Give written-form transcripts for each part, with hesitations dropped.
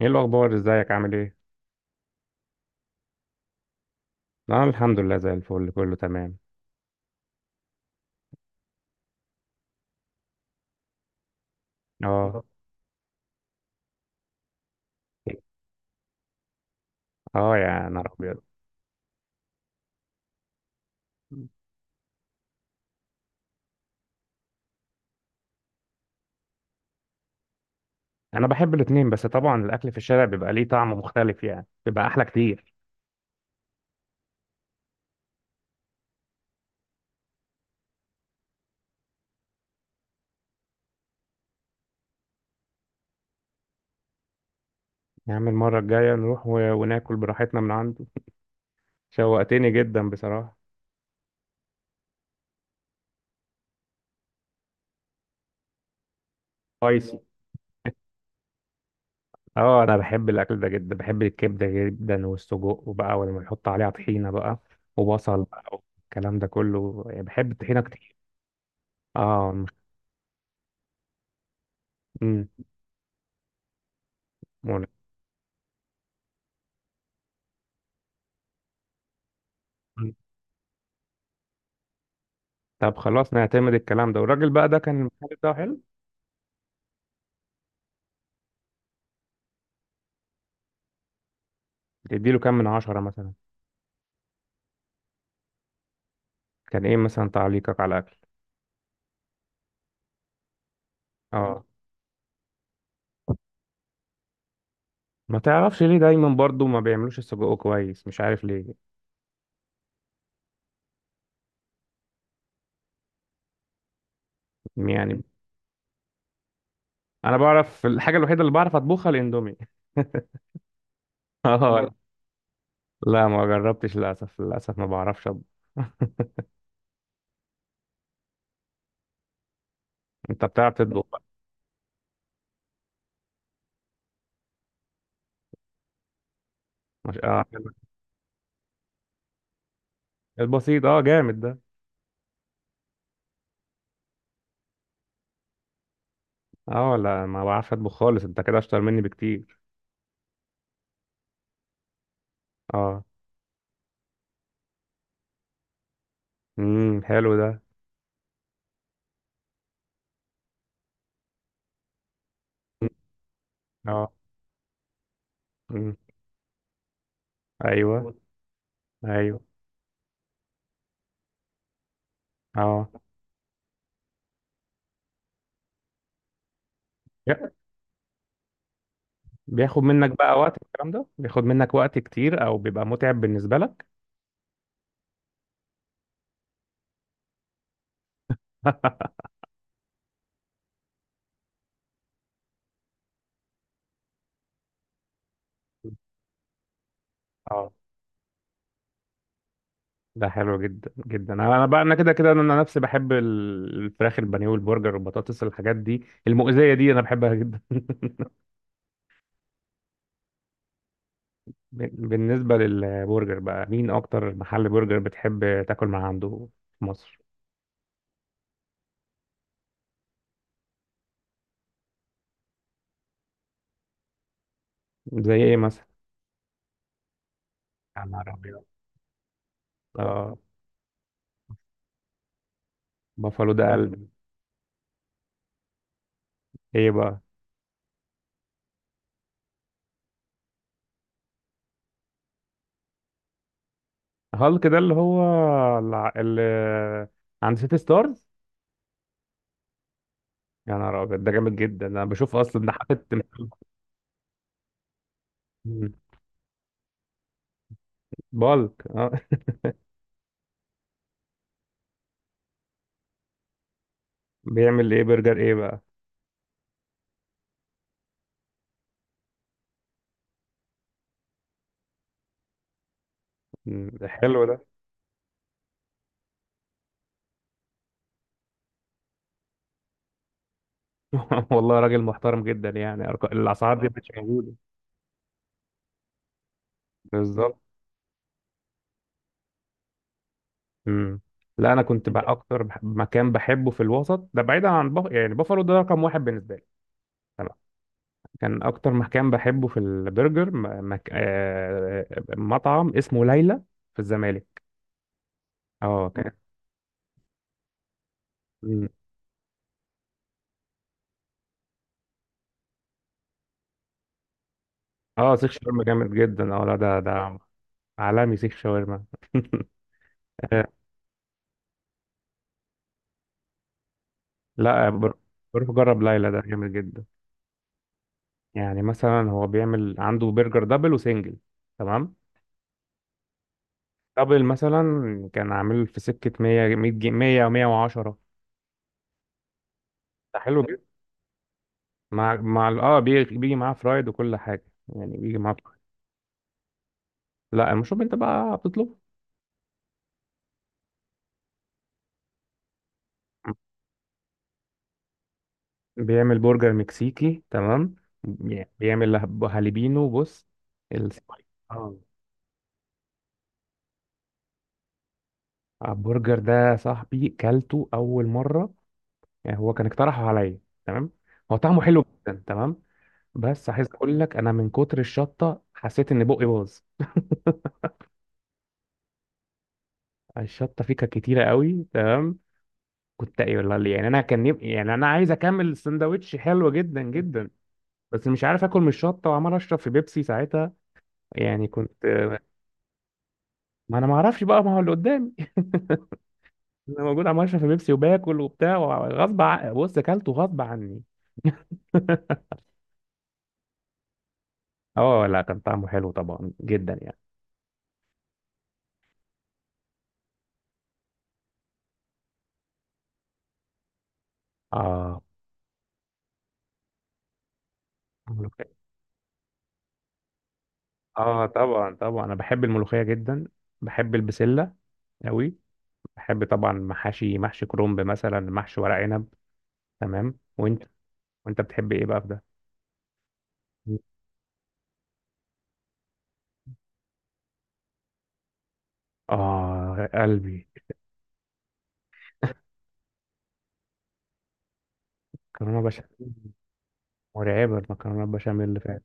ايه الاخبار؟ ازيك؟ عامل ايه؟ انا الحمد لله، زي الفل، كله تمام. اه. اه، يا نهار ابيض. انا بحب الاتنين، بس طبعا الاكل في الشارع بيبقى ليه طعم مختلف، يعني بيبقى احلى كتير. يا عم، المره الجايه نروح و... وناكل براحتنا من عنده. شوقتني جدا بصراحه. سبايسي. اه، انا بحب الاكل ده جدا، بحب الكبده جدا والسجق، وبقى ولما يحط عليها طحينه بقى وبصل بقى والكلام ده كله، يعني بحب الطحينه كتير. اه. مم. مم. طب خلاص، نعتمد الكلام ده، والراجل بقى ده كان المحل بتاعه حلو. تديله كام من عشرة مثلا؟ كان ايه مثلا تعليقك على الاكل؟ اه. ما تعرفش ليه دايما برضو ما بيعملوش السجق كويس؟ مش عارف ليه. يعني. انا بعرف الحاجة الوحيدة اللي بعرف اطبخها الاندومي. اه. لا، ما جربتش للاسف، للاسف ما بعرفش أطبخ. انت بتعرف تطبخ بقى؟ مش حلو. البسيط اه جامد ده. اه لا، ما بعرفش اطبخ خالص، انت كده اشطر مني بكتير. اه. حلو ده. اه. امم ايوه. ايوه. اه. بياخد منك بقى وقت الكلام ده؟ بياخد منك وقت كتير او بيبقى متعب بالنسبه لك؟ اه. ده حلو جدا جدا، انا بقى انا كده كده انا نفسي بحب الفراخ البانيه والبرجر والبطاطس، الحاجات دي المؤذيه دي انا بحبها جدا. بالنسبه للبرجر بقى، مين اكتر محل برجر بتحب تاكل من عنده في مصر؟ زي ايه مثلا؟ يا نهار أبيض. اه. بافالو ده قلب. ايه بقى؟ هالك ده اللي هو اللي عند سيتي ستارز؟ يا نهار ابيض، ده جامد جدا، انا بشوف اصلا ده حاطط. مم. بالك، اه. بيعمل ايه؟ برجر ايه بقى؟ مم. ده حلو ده. والله راجل محترم جدا، يعني الاسعار دي مش موجوده. بالظبط. مم. لا، انا كنت بقى اكتر مكان بحبه في الوسط ده، بعيدا عن يعني بافالو ده رقم واحد بالنسبه لي. تمام. كان اكتر مكان بحبه في البرجر م... مك... آه... آه، مطعم اسمه ليلى في الزمالك. اه، كان. مم. اه، سيخ شاورما جامد جدا، اه لا ده. عالمي سيخ شاورما. لا، بروح اجرب ليلى ده جامد جدا. يعني مثلا هو بيعمل عنده برجر دبل وسنجل. تمام. دبل مثلا. كان عامل في سكة 100، 100 جنيه، 100 و110. ده حلو جدا. مع بيجي معاه فرايد وكل حاجة، يعني بيجي معاه فرايد. لا، المشروب انت بقى بتطلبه. بيعمل برجر مكسيكي، تمام. بيعمل هاليبينو بص ال... اه. البرجر ده يا صاحبي كلته اول مرة. يعني هو كان اقترحه عليا. تمام. هو طعمه حلو جدا، تمام. بس عايز اقول لك، انا من كتر الشطه حسيت ان بقي باظ. الشطه فيه كانت كتيره قوي، تمام. كنت ايه والله ليه؟ يعني انا كان يعني انا عايز اكمل السندوتش حلو جدا جدا. بس مش عارف اكل من الشطه وعمال اشرب في بيبسي ساعتها. يعني كنت. ما انا ما اعرفش بقى، ما هو اللي قدامي. انا موجود عمال اشرب في بيبسي وباكل وبتاع. بص، اكلته غصب عني. اه لا، كان طعمه حلو طبعا جدا، يعني. اه. اه، طبعا طبعا انا بحب الملوخيه جدا. بحب البسله قوي. بحب طبعا محاشي، محشي كرنب مثلا، محشي ورق عنب. تمام، وانت؟ وانت بتحب ايه بقى في ده؟ اه، قلبي. مكرونه بشاميل. مرعبه المكرونه البشاميل اللي فات.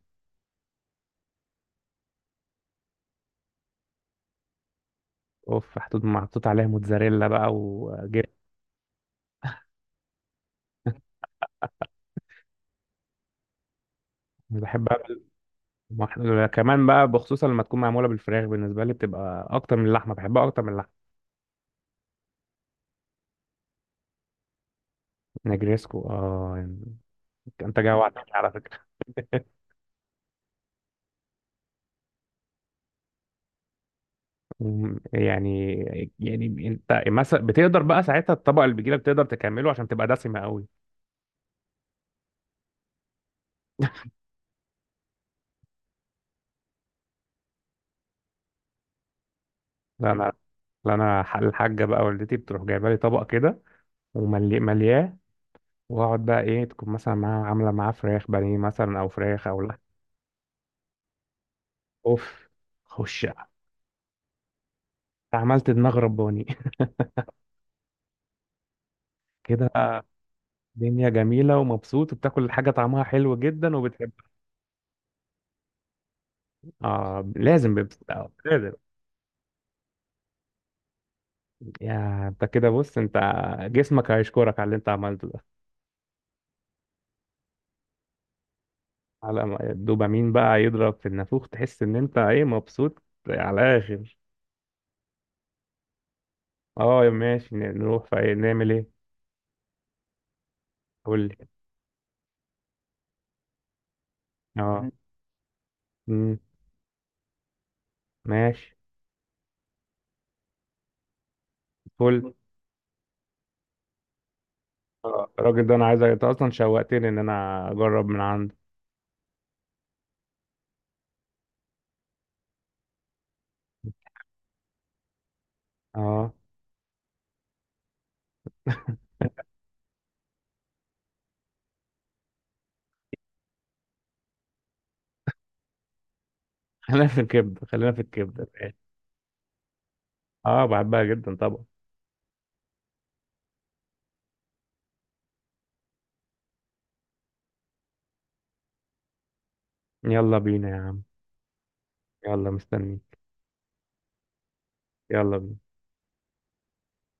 اوف، محطوط محطوط عليها موتزاريلا بقى وجبنه. أنا بحب كمان بقى، بخصوصا لما تكون معموله بالفراخ، بالنسبه لي بتبقى اكتر من اللحمه، بحبها اكتر من اللحمه. نجريسكو، اه. انت جوعتني على فكره. مم، يعني. يعني انت مثلا بتقدر بقى ساعتها الطبقه اللي بتجيلك بتقدر تكمله عشان تبقى دسمه قوي؟ لا انا. لا انا الحاجه بقى والدتي بتروح جايبه لي طبق كده. وملياه. واقعد بقى، ايه تكون مثلا معاه، عامله معاه فراخ بانيه مثلا، او فراخ، او لحم. اوف. خش. عملت دماغ رباني. كده بقى. دنيا جميله ومبسوط وبتاكل حاجه طعمها حلو جدا وبتحب. اه، لازم بيبسط لازم. يا انت كده، بص انت. جسمك هيشكرك على اللي انت عملته ده. على ما الدوبامين بقى يضرب في النافوخ تحس ان انت ايه مبسوط. على الاخر. اه، يا ماشي، نروح في ايه؟ نعمل ايه؟ قول لي. اه. مم. ماشي. فل. الراجل ده انا عايز انت اصلا شوقتني ان انا اجرب من عنده. اه. خلينا في الكبده، خلينا في الكبده. اه، بحبها جدا طبعا. يلا بينا يا عم. يلا، مستنيك. يلا بينا